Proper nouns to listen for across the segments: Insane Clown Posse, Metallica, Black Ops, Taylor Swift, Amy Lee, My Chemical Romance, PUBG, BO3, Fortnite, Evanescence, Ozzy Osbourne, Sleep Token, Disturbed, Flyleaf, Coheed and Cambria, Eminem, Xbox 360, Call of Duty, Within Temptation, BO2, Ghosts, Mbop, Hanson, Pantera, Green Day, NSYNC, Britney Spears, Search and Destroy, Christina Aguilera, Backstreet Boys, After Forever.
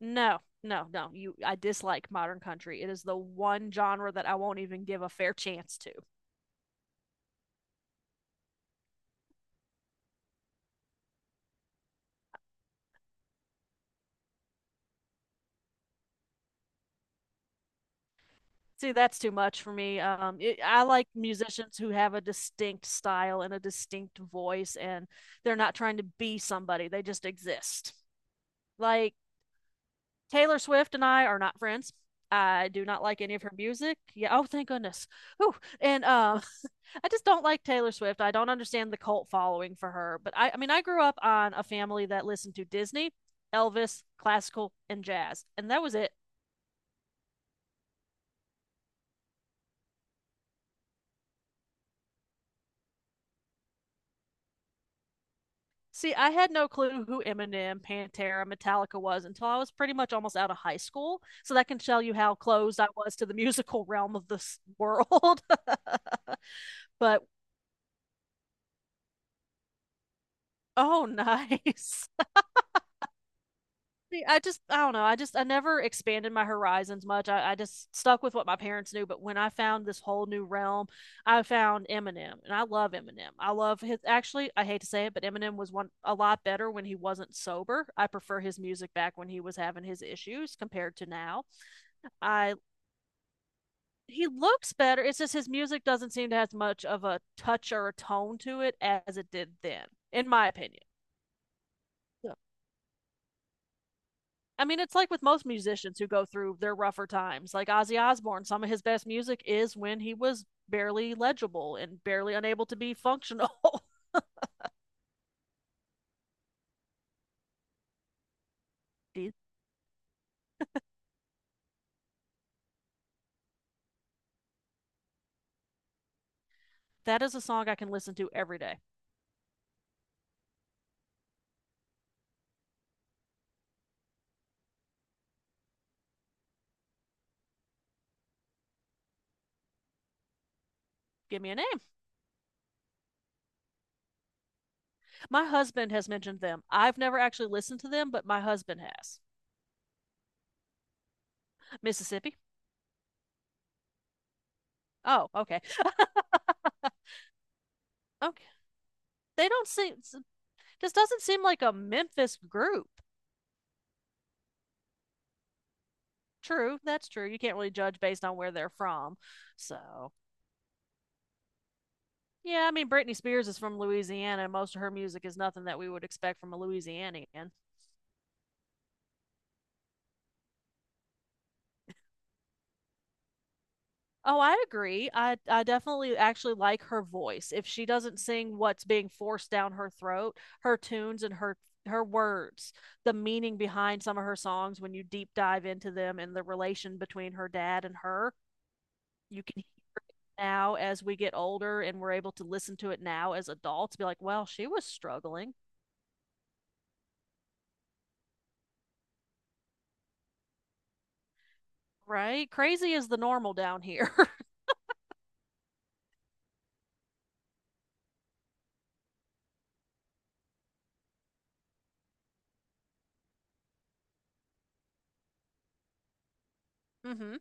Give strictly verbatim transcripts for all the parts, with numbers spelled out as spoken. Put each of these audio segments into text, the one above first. No, no, no. You, I dislike modern country. It is the one genre that I won't even give a fair chance to. See, that's too much for me. Um, it, I like musicians who have a distinct style and a distinct voice, and they're not trying to be somebody. They just exist. Like Taylor Swift and I are not friends. I do not like any of her music. Yeah. Oh, thank goodness. Ooh. And um, I just don't like Taylor Swift. I don't understand the cult following for her. But I, I mean, I grew up on a family that listened to Disney, Elvis, classical, and jazz, and that was it. See, I had no clue who Eminem, Pantera, Metallica was until I was pretty much almost out of high school. So that can tell you how closed I was to the musical realm of this world. But oh, nice. I just I don't know. I just I never expanded my horizons much. I, I just stuck with what my parents knew. But when I found this whole new realm, I found Eminem, and I love Eminem. I love his. Actually, I hate to say it, but Eminem was one a lot better when he wasn't sober. I prefer his music back when he was having his issues compared to now. I he looks better. It's just his music doesn't seem to have as much of a touch or a tone to it as it did then, in my opinion. So I mean, it's like with most musicians who go through their rougher times. Like Ozzy Osbourne, some of his best music is when he was barely legible and barely unable to be functional. That is a song I can listen to every day. Give me a name. My husband has mentioned them. I've never actually listened to them, but my husband has. Mississippi. Oh, okay. Okay. They don't seem, This doesn't seem like a Memphis group. True. That's true. You can't really judge based on where they're from. So, yeah, I mean Britney Spears is from Louisiana, and most of her music is nothing that we would expect from a Louisianian. Oh, I agree. I I definitely actually like her voice. If she doesn't sing what's being forced down her throat, her tunes and her her words, the meaning behind some of her songs when you deep dive into them and the relation between her dad and her, you can hear now as we get older and we're able to listen to it now as adults be like, "Well, she was struggling." Right? Crazy is the normal down here. Mhm.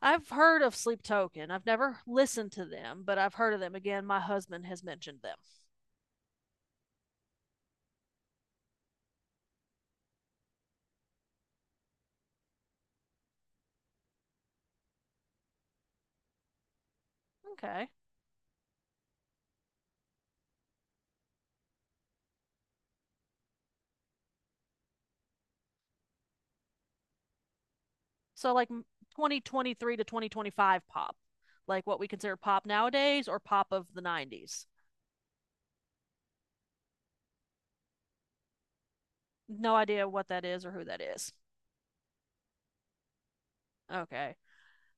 I've heard of Sleep Token. I've never listened to them, but I've heard of them. Again, my husband has mentioned them. Okay. So like twenty twenty-three to twenty twenty-five pop, like what we consider pop nowadays or pop of the nineties. No idea what that is or who that is. Okay.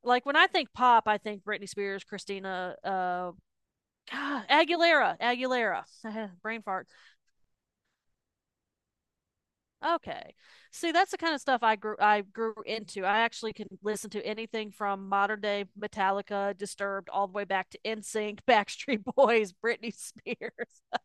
Like when I think pop, I think Britney Spears, Christina, uh, Aguilera, Aguilera, brain fart. Okay. See, that's the kind of stuff I grew I grew into. I actually can listen to anything from modern day Metallica, Disturbed, all the way back to N Sync, Backstreet Boys, Britney Spears.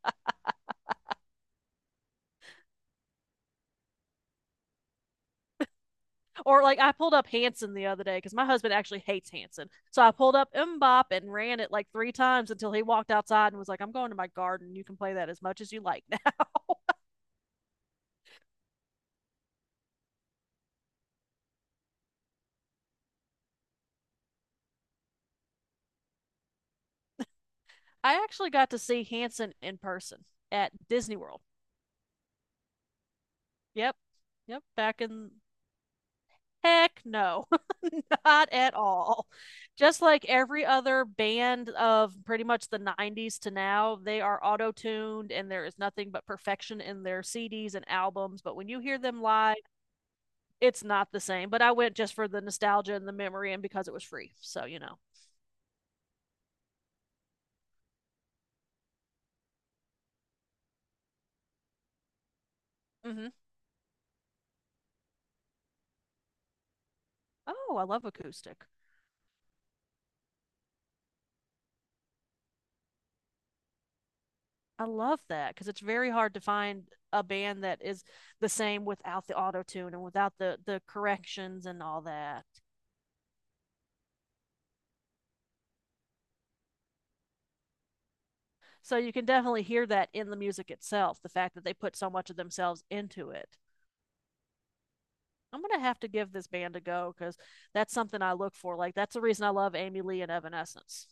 Or like I pulled up Hanson the other day because my husband actually hates Hanson. So I pulled up Mbop and ran it like three times until he walked outside and was like, I'm going to my garden. You can play that as much as you like now. I actually got to see Hanson in person at Disney World. Yep. Yep. Back in heck no, not at all. Just like every other band of pretty much the nineties to now, they are auto tuned and there is nothing but perfection in their C Ds and albums. But when you hear them live, it's not the same. But I went just for the nostalgia and the memory and because it was free. So, you know. Mm-hmm. Oh, I love acoustic. I love that because it's very hard to find a band that is the same without the auto tune and without the the corrections and all that. So you can definitely hear that in the music itself, the fact that they put so much of themselves into it. I'm going to have to give this band a go because that's something I look for. Like, that's the reason I love Amy Lee and Evanescence.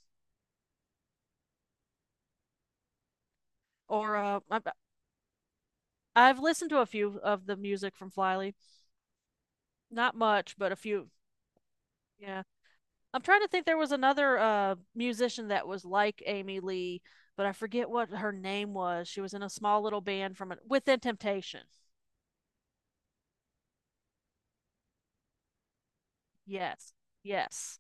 Or uh, I've, listened to a few of the music from Flyleaf. Not much, but a few. Yeah. I'm trying to think there was another uh, musician that was like Amy Lee, but I forget what her name was. She was in a small little band from a, Within Temptation. Yes. Yes.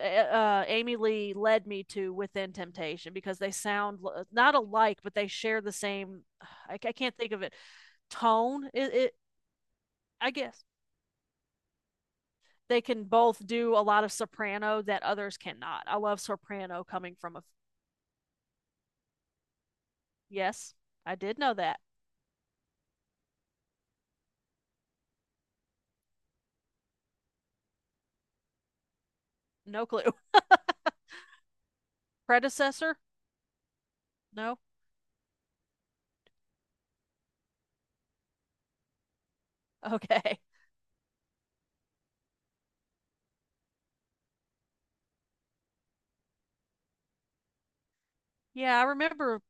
uh, Amy Lee led me to Within Temptation because they sound not alike, but they share the same. I, I can't think of it. Tone. It, it. I guess they can both do a lot of soprano that others cannot. I love soprano coming from a. Yes, I did know that. No clue. Predecessor? No. Okay. Yeah, I remember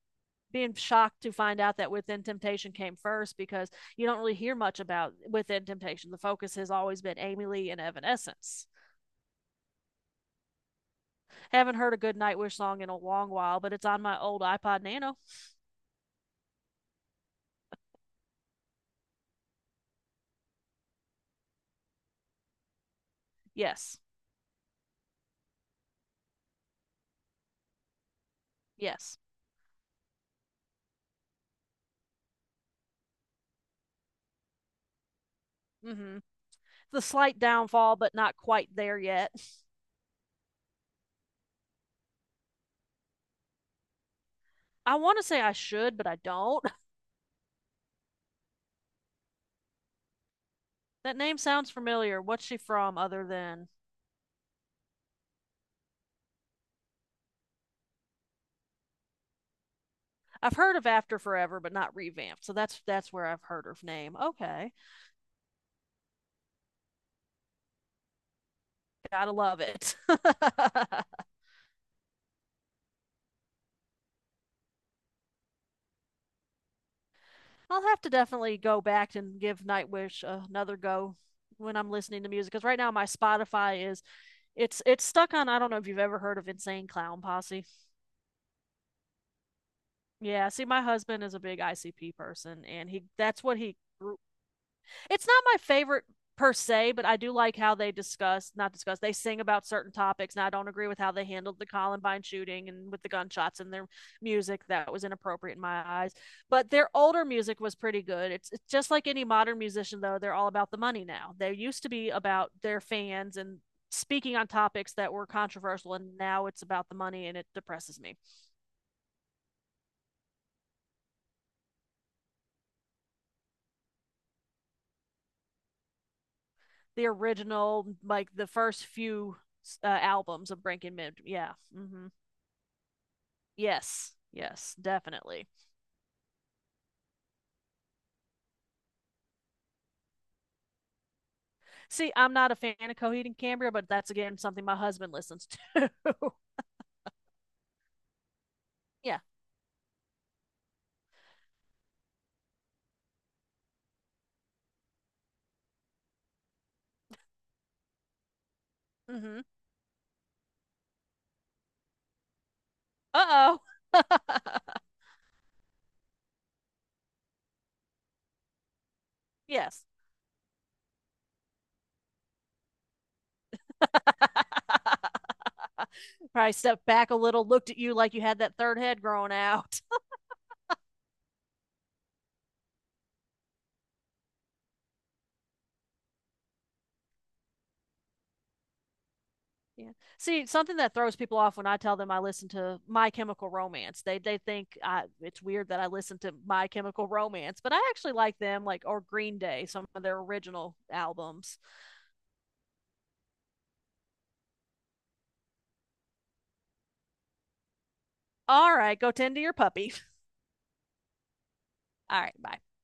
being shocked to find out that Within Temptation came first because you don't really hear much about Within Temptation. The focus has always been Amy Lee and Evanescence. Haven't heard a good Nightwish song in a long while, but it's on my old iPod Nano. Yes. Yes. Mm-hmm. The slight downfall, but not quite there yet. I want to say I should, but I don't. That name sounds familiar. What's she from other than I've heard of After Forever, but not revamped. So that's that's where I've heard her name. Okay, gotta love it. I'll have to definitely go back and give Nightwish another go when I'm listening to music because right now my Spotify is It's it's stuck on I don't know if you've ever heard of Insane Clown Posse. Yeah, see my husband is a big I C P person and he that's what he grew. It's not my favorite per se, but I do like how they discuss, not discuss, they sing about certain topics. And I don't agree with how they handled the Columbine shooting and with the gunshots and their music. That was inappropriate in my eyes. But their older music was pretty good. It's, it's just like any modern musician, though, they're all about the money now. They used to be about their fans and speaking on topics that were controversial and now it's about the money and it depresses me the original like the first few uh, albums of breaking mid yeah mm-hmm. Yes, yes, definitely. See, I'm not a fan of Coheed and Cambria, but that's again something my husband listens to. Yeah. Mm-hmm. Uh oh. Yes. Probably stepped back a little, looked at you like you had that third head growing out. Yeah. See, something that throws people off when I tell them I listen to My Chemical Romance, they they think I, it's weird that I listen to My Chemical Romance, but I actually like them, like or Green Day, some of their original albums. All right, go tend to your puppy. All right, bye.